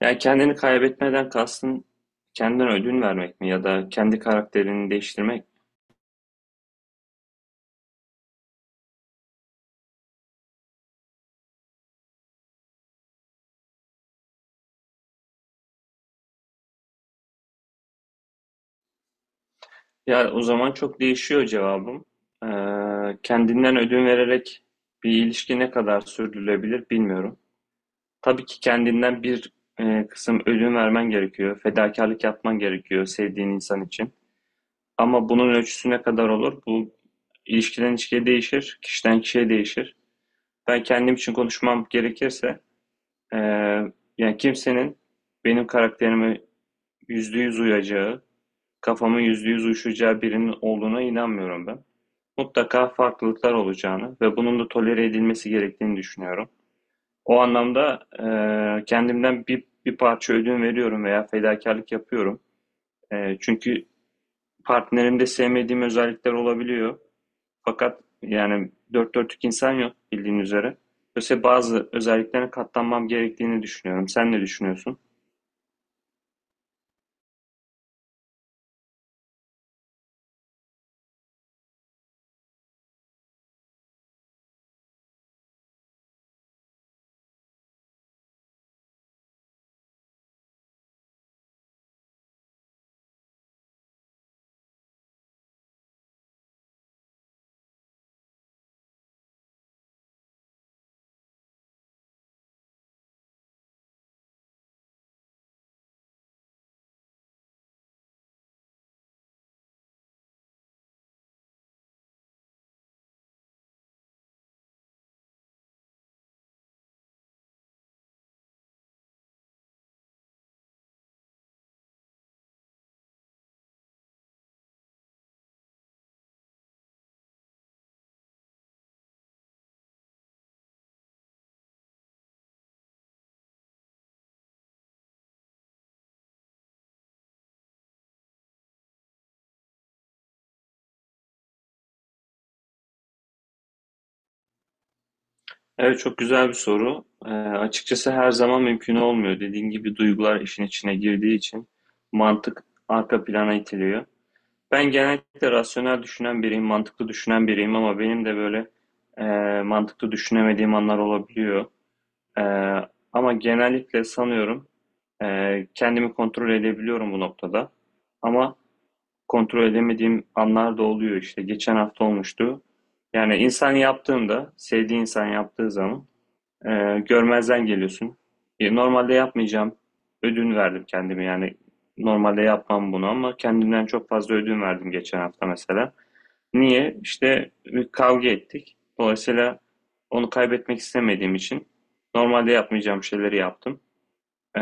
Yani kendini kaybetmeden kastın kendine ödün vermek mi ya da kendi karakterini değiştirmek? Ya o zaman çok değişiyor cevabım. Ee, Kendinden ödün vererek bir ilişki ne kadar sürdürülebilir bilmiyorum. Tabii ki kendinden bir kısım ödün vermen gerekiyor. Fedakarlık yapman gerekiyor sevdiğin insan için. Ama bunun ölçüsü ne kadar olur? Bu ilişkiden ilişkiye değişir, kişiden kişiye değişir. Ben kendim için konuşmam gerekirse Ee, yani kimsenin benim karakterime %100 uyacağı, kafama %100 uyuşacağı birinin olduğuna inanmıyorum ben. Mutlaka farklılıklar olacağını ve bunun da tolere edilmesi gerektiğini düşünüyorum. O anlamda kendimden bir parça ödün veriyorum veya fedakarlık yapıyorum. Çünkü partnerimde sevmediğim özellikler olabiliyor. Fakat yani dört dörtlük insan yok bildiğin üzere. Dolayısıyla bazı özelliklerine katlanmam gerektiğini düşünüyorum. Sen ne düşünüyorsun? Evet, çok güzel bir soru. Açıkçası her zaman mümkün olmuyor. Dediğim gibi duygular işin içine girdiği için mantık arka plana itiliyor. Ben genellikle rasyonel düşünen biriyim, mantıklı düşünen biriyim ama benim de böyle e, mantıklı düşünemediğim anlar olabiliyor. E, Ama genellikle sanıyorum kendimi kontrol edebiliyorum bu noktada. Ama kontrol edemediğim anlar da oluyor işte. Geçen hafta olmuştu. Yani insan yaptığında, sevdiği insan yaptığı zaman görmezden geliyorsun. Normalde yapmayacağım. Ödün verdim kendime yani. Normalde yapmam bunu ama kendimden çok fazla ödün verdim geçen hafta mesela. Niye? İşte bir kavga ettik. Dolayısıyla onu kaybetmek istemediğim için normalde yapmayacağım şeyleri yaptım. Ee,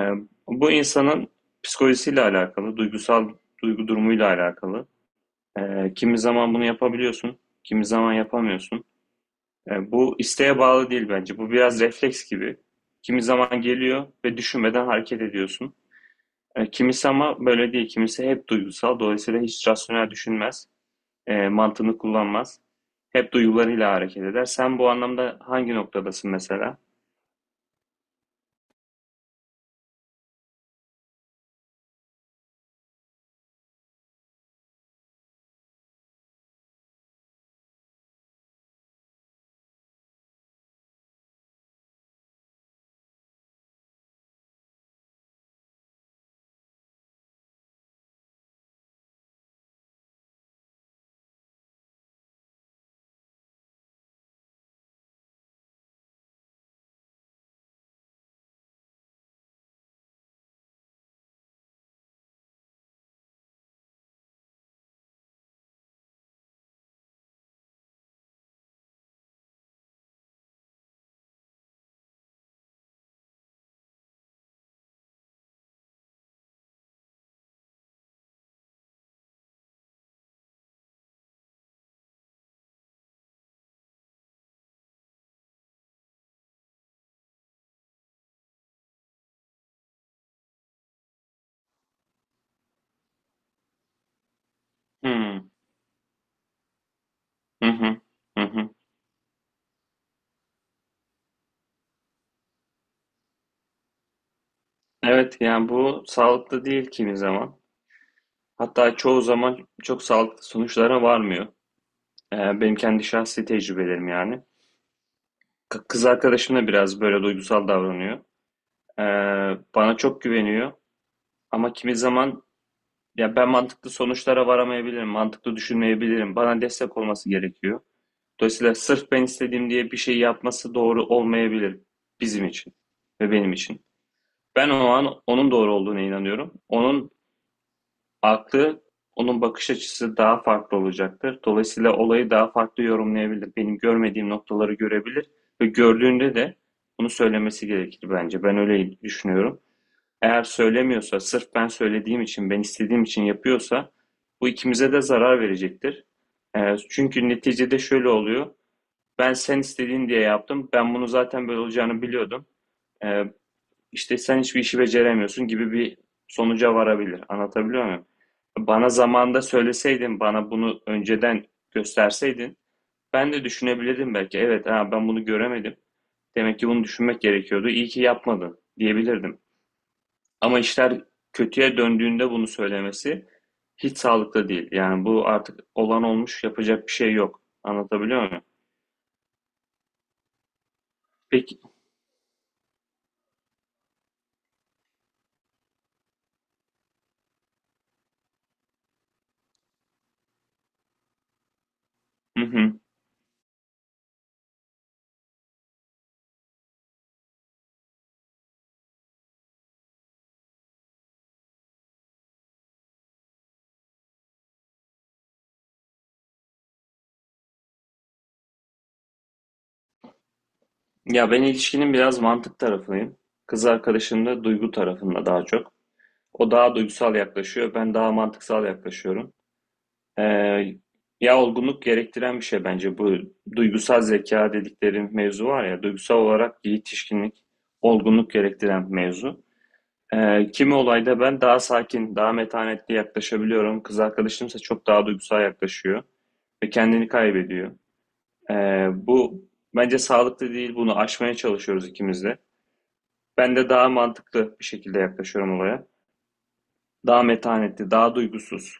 Bu insanın psikolojisiyle alakalı, duygusal duygu durumuyla alakalı. Kimi zaman bunu yapabiliyorsun, kimi zaman yapamıyorsun. Yani bu isteğe bağlı değil bence. Bu biraz refleks gibi. Kimi zaman geliyor ve düşünmeden hareket ediyorsun. Kimisi ama böyle değil. Kimisi hep duygusal. Dolayısıyla hiç rasyonel düşünmez. Mantığını kullanmaz. Hep duygularıyla hareket eder. Sen bu anlamda hangi noktadasın mesela? Hmm. Hı hı. Hı hı. Evet, yani bu sağlıklı değil kimi zaman. Hatta çoğu zaman çok sağlıklı sonuçlara varmıyor. Benim kendi şahsi tecrübelerim yani. Kız arkadaşım da biraz böyle duygusal davranıyor. Ee, Bana çok güveniyor ama kimi zaman ya ben mantıklı sonuçlara varamayabilirim, mantıklı düşünmeyebilirim. Bana destek olması gerekiyor. Dolayısıyla sırf ben istediğim diye bir şey yapması doğru olmayabilir bizim için ve benim için. Ben o an onun doğru olduğuna inanıyorum. Onun aklı, onun bakış açısı daha farklı olacaktır. Dolayısıyla olayı daha farklı yorumlayabilir. Benim görmediğim noktaları görebilir ve gördüğünde de bunu söylemesi gerekir bence. Ben öyle düşünüyorum. Eğer söylemiyorsa, sırf ben söylediğim için, ben istediğim için yapıyorsa bu ikimize de zarar verecektir. Çünkü neticede şöyle oluyor. Ben sen istediğin diye yaptım. Ben bunu zaten böyle olacağını biliyordum. Ee, işte sen hiçbir işi beceremiyorsun gibi bir sonuca varabilir. Anlatabiliyor muyum? Bana zamanında söyleseydin, bana bunu önceden gösterseydin ben de düşünebilirdim belki. Evet, ha, ben bunu göremedim. Demek ki bunu düşünmek gerekiyordu. İyi ki yapmadın diyebilirdim. Ama işler kötüye döndüğünde bunu söylemesi hiç sağlıklı değil. Yani bu artık olan olmuş, yapacak bir şey yok. Anlatabiliyor muyum? Peki, hı hı. Ya ben ilişkinin biraz mantık tarafındayım. Kız arkadaşım da duygu tarafında daha çok. O daha duygusal yaklaşıyor, ben daha mantıksal yaklaşıyorum. Ee, Ya olgunluk gerektiren bir şey bence bu duygusal zeka dedikleri mevzu var ya, duygusal olarak yetişkinlik, olgunluk gerektiren mevzu. Kimi olayda ben daha sakin, daha metanetli yaklaşabiliyorum. Kız arkadaşımsa çok daha duygusal yaklaşıyor ve kendini kaybediyor. Bu bence sağlıklı değil. Bunu aşmaya çalışıyoruz ikimiz de. Ben de daha mantıklı bir şekilde yaklaşıyorum olaya. Daha metanetli, daha duygusuz.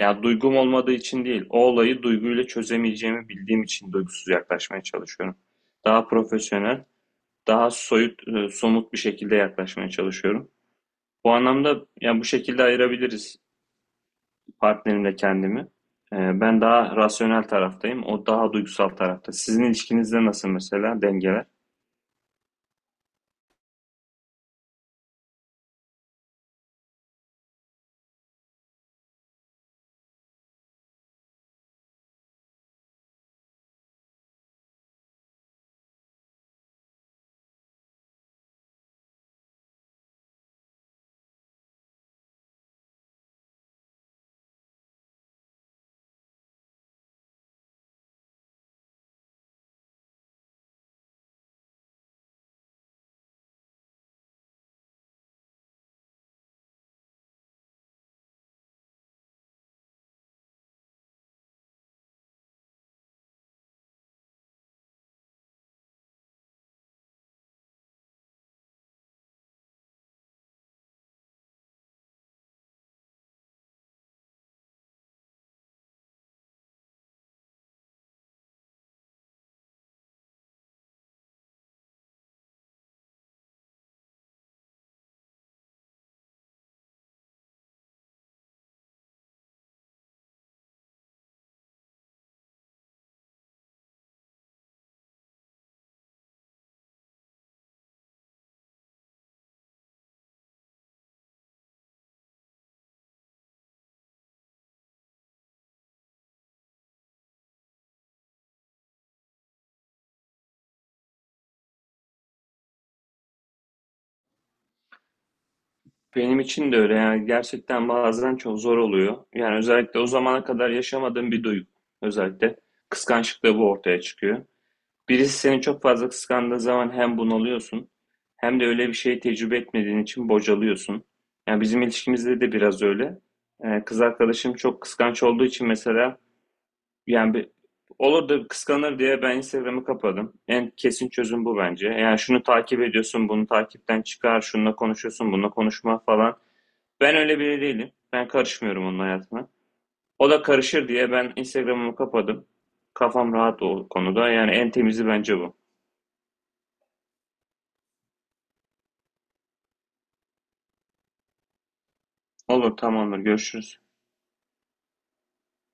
Ya duygum olmadığı için değil, o olayı duyguyla çözemeyeceğimi bildiğim için duygusuz yaklaşmaya çalışıyorum. Daha profesyonel, daha soyut, somut bir şekilde yaklaşmaya çalışıyorum. Bu anlamda yani bu şekilde ayırabiliriz partnerimle kendimi. Ben daha rasyonel taraftayım. O daha duygusal tarafta. Sizin ilişkinizde nasıl mesela dengeler? Benim için de öyle yani gerçekten bazen çok zor oluyor. Yani özellikle o zamana kadar yaşamadığım bir duygu. Özellikle kıskançlıkta bu ortaya çıkıyor. Birisi seni çok fazla kıskandığı zaman hem bunalıyorsun hem de öyle bir şey tecrübe etmediğin için bocalıyorsun. Yani bizim ilişkimizde de biraz öyle. Kız arkadaşım çok kıskanç olduğu için mesela Yani bir, olur da kıskanır diye ben Instagram'ı kapadım. En kesin çözüm bu bence. Yani şunu takip ediyorsun, bunu takipten çıkar, şununla konuşuyorsun, bununla konuşma falan. Ben öyle biri değilim. Ben karışmıyorum onun hayatına. O da karışır diye ben Instagram'ımı kapadım. Kafam rahat o konuda. Yani en temizi bence bu. Olur, tamamdır. Görüşürüz.